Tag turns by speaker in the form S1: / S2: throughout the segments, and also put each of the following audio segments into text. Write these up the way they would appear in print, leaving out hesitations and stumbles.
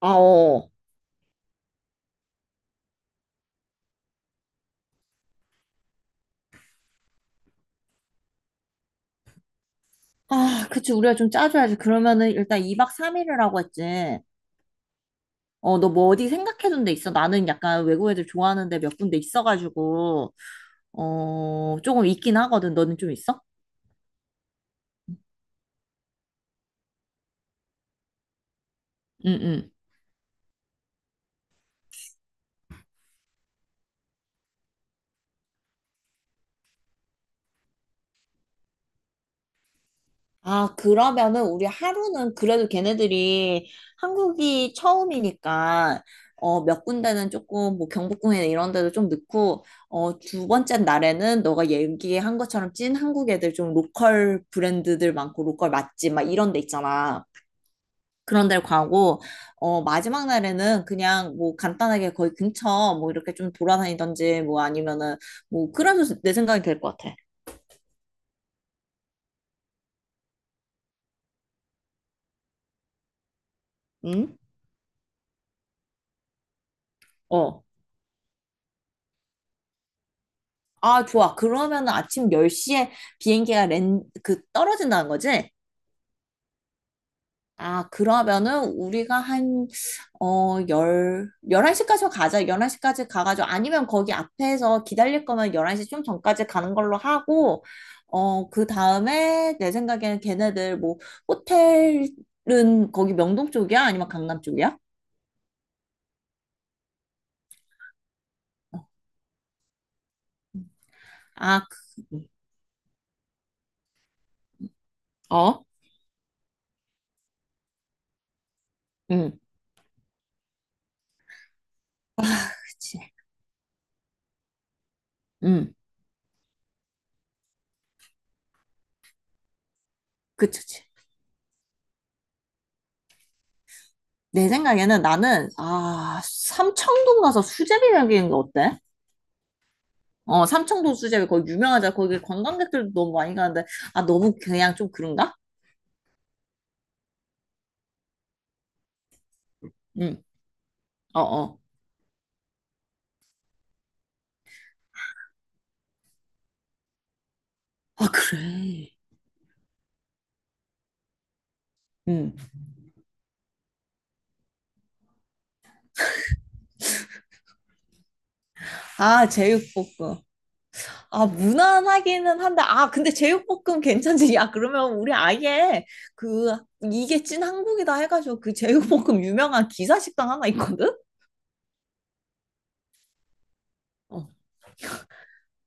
S1: 아, 어. 아, 그치. 우리가 좀 짜줘야지. 그러면은 일단 2박 3일을 하고 했지. 어, 너 뭐 어디 생각해둔 데 있어? 나는 약간 외국 애들 좋아하는데 몇 군데 있어가지고, 어, 조금 있긴 하거든. 너는 좀 있어? 응, 응. 아, 그러면은 우리 하루는 그래도 걔네들이 한국이 처음이니까 몇 군데는 조금 뭐 경복궁에 이런 데도 좀 넣고 두 번째 날에는 너가 얘기한 것처럼 찐 한국 애들 좀 로컬 브랜드들 많고 로컬 맛집 막 이런 데 있잖아. 그런 데를 가고 마지막 날에는 그냥 뭐 간단하게 거기 근처 뭐 이렇게 좀 돌아다니던지 뭐 아니면은 뭐 그래도 내 생각이 될 것 같아. 응? 어. 아, 좋아. 그러면은 아침 10시에 떨어진다는 거지? 아, 그러면은 우리가 11시까지 가자. 11시까지 가가지고, 아니면 거기 앞에서 기다릴 거면 11시 좀 전까지 가는 걸로 하고, 그 다음에 내 생각에는 걔네들 뭐, 호텔은 거기 명동 쪽이야? 아니면 강남 쪽이야? 어. 아, 그, 어? 응, 그치. 응, 그치. 내 생각에는 나는 아 삼청동 가서 수제비 먹이는 거 어때? 어 삼청동 수제비 거기 유명하잖아 거기 관광객들도 너무 많이 가는데 아 너무 그냥 좀 그런가? 응어어 아 그래 응. 아, 제육볶음. 아, 무난하기는 한데, 아, 근데 제육볶음 괜찮지? 야, 그러면 우리 아예 그, 이게 찐 한국이다 해가지고 그 제육볶음 유명한 기사식당 하나 있거든? 어,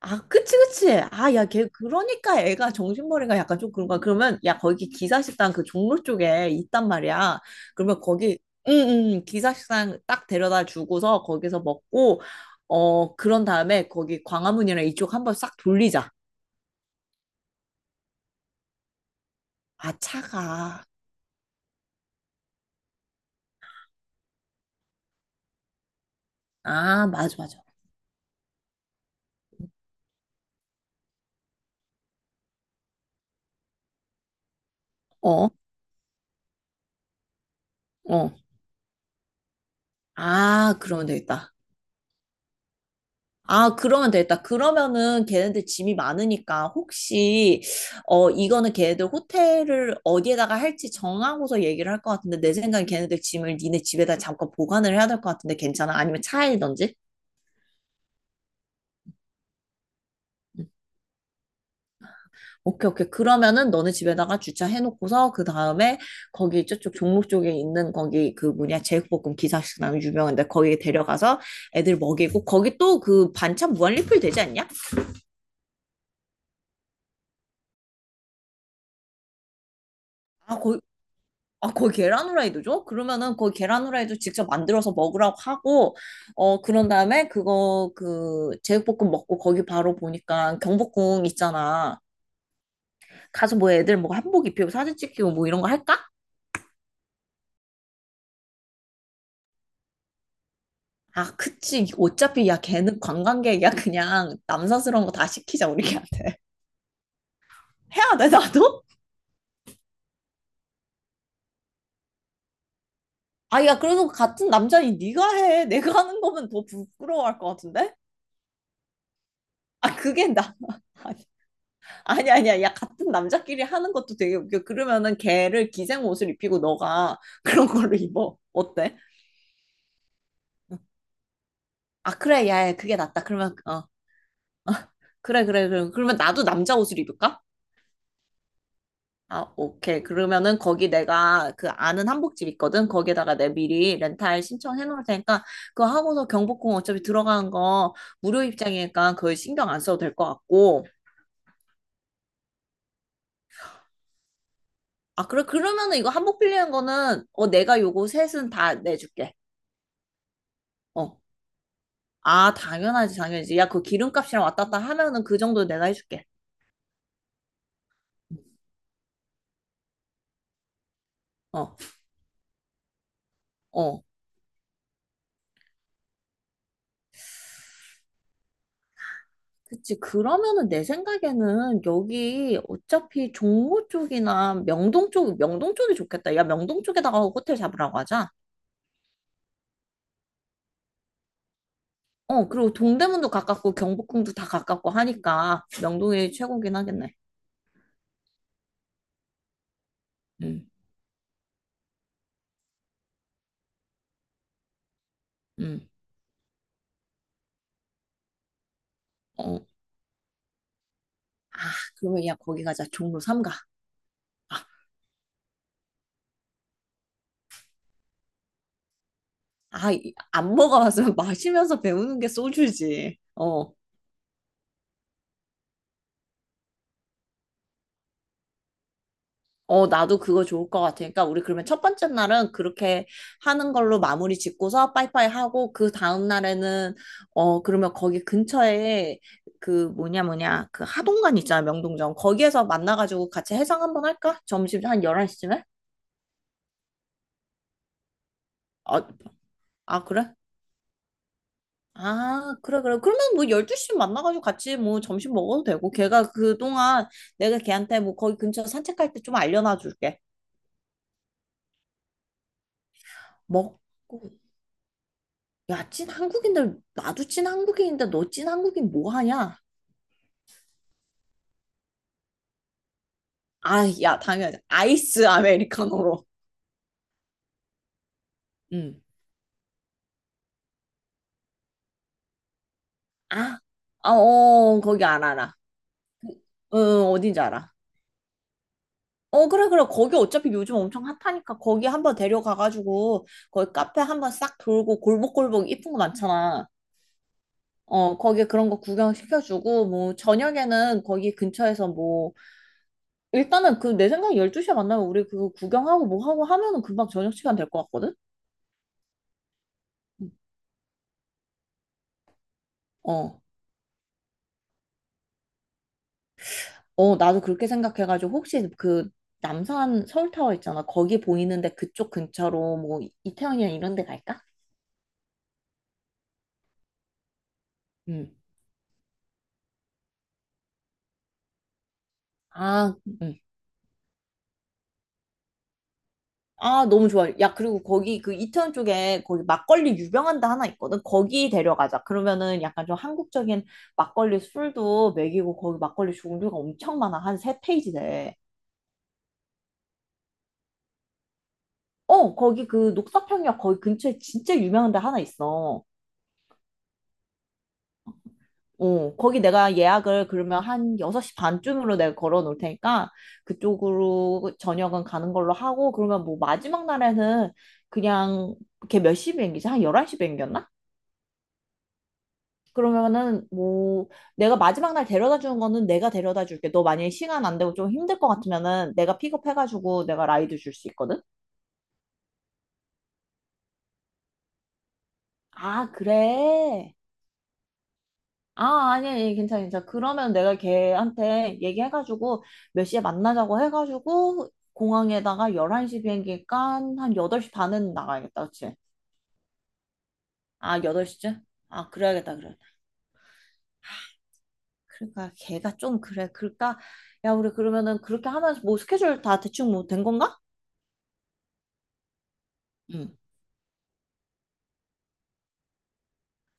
S1: 아, 그치, 그치. 아, 야, 걔, 그러니까 애가 정신머리가 약간 좀 그런 거야. 그러면, 야, 거기 기사식당 그 종로 쪽에 있단 말이야. 그러면 거기, 응, 응, 응. 기사식당 딱 데려다 주고서 거기서 먹고, 그런 다음에 거기 광화문이랑 이쪽 한번 싹 돌리자. 아, 차가. 아, 맞아, 맞아. 어, 어. 아, 그러면 되겠다. 아, 그러면 되겠다. 그러면은 걔네들 짐이 많으니까 혹시 어 이거는 걔네들 호텔을 어디에다가 할지 정하고서 얘기를 할 것 같은데 내 생각엔 걔네들 짐을 니네 집에다 잠깐 보관을 해야 될 것 같은데 괜찮아? 아니면 차에든지? 음, 오케이, 오케이. 그러면은 너네 집에다가 주차해놓고서 그 다음에 거기 저쪽 종로 쪽에 있는 거기 그 뭐냐 제육볶음 기사식당 유명한데 거기 데려가서 애들 먹이고 거기 또 그 반찬 무한 리필 되지 않냐? 아, 아, 거기 계란 후라이도 줘? 그러면은 거기 계란 후라이도 직접 만들어서 먹으라고 하고, 그런 다음에 제육볶음 먹고 거기 바로 보니까 경복궁 있잖아. 가서 뭐 애들 뭐 한복 입히고 사진 찍히고 뭐 이런 거 할까? 아, 그치. 어차피 야, 걔는 관광객이야. 그냥 남사스러운 거 다 시키자, 우리 걔한테. 해야 돼, 나도? 아, 야, 그래도 같은 남자니 네가 해. 내가 하는 거면 더 부끄러워할 것 같은데? 아, 그게 나. 아니 아니야. 야 같은 남자끼리 하는 것도 되게 웃겨. 그러면은 걔를 기생 옷을 입히고 너가 그런 걸로 입어. 어때? 어. 아 그래 야, 야 그게 낫다. 그러면 어 그래 그래 그럼 그러면 나도 남자 옷을 입을까? 아 오케이. 그러면은 거기 내가 그 아는 한복집 있거든. 거기에다가 내 미리 렌탈 신청해 놓을 테니까 그거 하고서 경복궁 어차피 들어가는 거 무료 입장이니까 그걸 신경 안 써도 될 것 같고. 아 그래 그러면은 이거 한복 빌리는 거는 어 내가 요거 셋은 다 내줄게. 어. 아, 당연하지, 당연하지. 야, 그 기름값이랑 왔다 갔다 하면은 그 정도 내가 해줄게. 어, 어. 그치. 그러면은 내 생각에는 여기 어차피 종로 쪽이나 명동 쪽, 명동 쪽이 좋겠다. 야, 명동 쪽에다가 호텔 잡으라고 하자. 어, 그리고 동대문도 가깝고 경복궁도 다 가깝고 하니까 명동이 최고긴 하겠네. 응, 응. 어. 아, 그러면 야, 거기 가자. 종로 삼가 아, 안 먹어봤으면 마시면서 배우는 게 소주지. 어, 어, 나도 그거 좋을 것 같으니까, 우리 그러면 첫 번째 날은 그렇게 하는 걸로 마무리 짓고서 빠이빠이 하고, 그 다음 날에는, 어, 그러면 거기 근처에 그 뭐냐, 그 하동관 있잖아, 명동점. 거기에서 만나가지고 같이 해상 한번 할까? 점심 한 11시쯤에? 어, 아, 그래? 아, 그래, 그래. 그러면 뭐 12시 만나가지고 같이 뭐 점심 먹어도 되고, 걔가 그동안 내가 걔한테 뭐 거기 근처 산책할 때 좀 알려놔 줄게. 먹고, 야, 찐 한국인들, 나도 찐 한국인인데 너 찐 한국인 뭐 하냐? 아, 야, 당연히 아이스 아메리카노로. 응. 아, 아, 어, 거기 안 알아. 응, 응, 어딘지 알아. 어, 그래, 그래. 거기 어차피 요즘 엄청 핫하니까 거기 한번 데려가가지고 거기 카페 한번 싹 돌고 골목골목 이쁜 거 많잖아. 거기 그런 거 구경시켜주고 뭐 저녁에는 거기 근처에서 뭐 일단은 그 내 생각에 12시에 만나면 우리 그거 구경하고 뭐 하고 하면은 금방 저녁 시간 될 것 같거든? 응. 어. 어, 나도 그렇게 생각해가지고 혹시 그 남산 서울타워 있잖아. 거기 보이는데 그쪽 근처로 뭐 이태원이나 이런 데 갈까? 음. 아, 음. 아, 너무 좋아. 야, 그리고 거기 그 이태원 쪽에 거기 막걸리 유명한 데 하나 있거든. 거기 데려가자. 그러면은 약간 좀 한국적인 막걸리 술도 먹이고 거기 막걸리 종류가 엄청 많아. 한 세 페이지 돼. 어, 거기 그 녹사평역 거기 근처에 진짜 유명한 데 하나 있어. 어, 거기 내가 예약을 그러면 한 6시 반쯤으로 내가 걸어 놓을 테니까 그쪽으로 저녁은 가는 걸로 하고 그러면 뭐 마지막 날에는 그냥 걔 몇 시 비행기지? 한 11시 비행기였나? 그러면은 뭐 내가 마지막 날 데려다 주는 거는 내가 데려다 줄게. 너 만약에 시간 안 되고 좀 힘들 것 같으면은 내가 픽업해가지고 내가 라이드 줄 수 있거든? 아, 그래. 아, 아니, 아니, 괜찮아, 괜찮아. 그러면 내가 걔한테 얘기해가지고 몇 시에 만나자고 해가지고 공항에다가 11시 비행기니까 한 8시 반은 나가야겠다, 그치? 아, 8시쯤? 아, 그래야겠다, 그래야겠다. 그러니까 걔가 좀 그래. 그러니까, 야, 우리 그러면은 그렇게 하면서 뭐 스케줄 다 대충 뭐 된 건가? 응.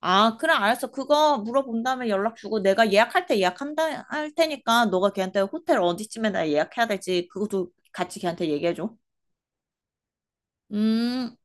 S1: 아, 그래, 알았어. 그거 물어본 다음에 연락 주고 내가 예약할 때 예약한다, 할 테니까 너가 걔한테 호텔 어디쯤에다 예약해야 될지 그것도 같이 걔한테 얘기해줘. 음.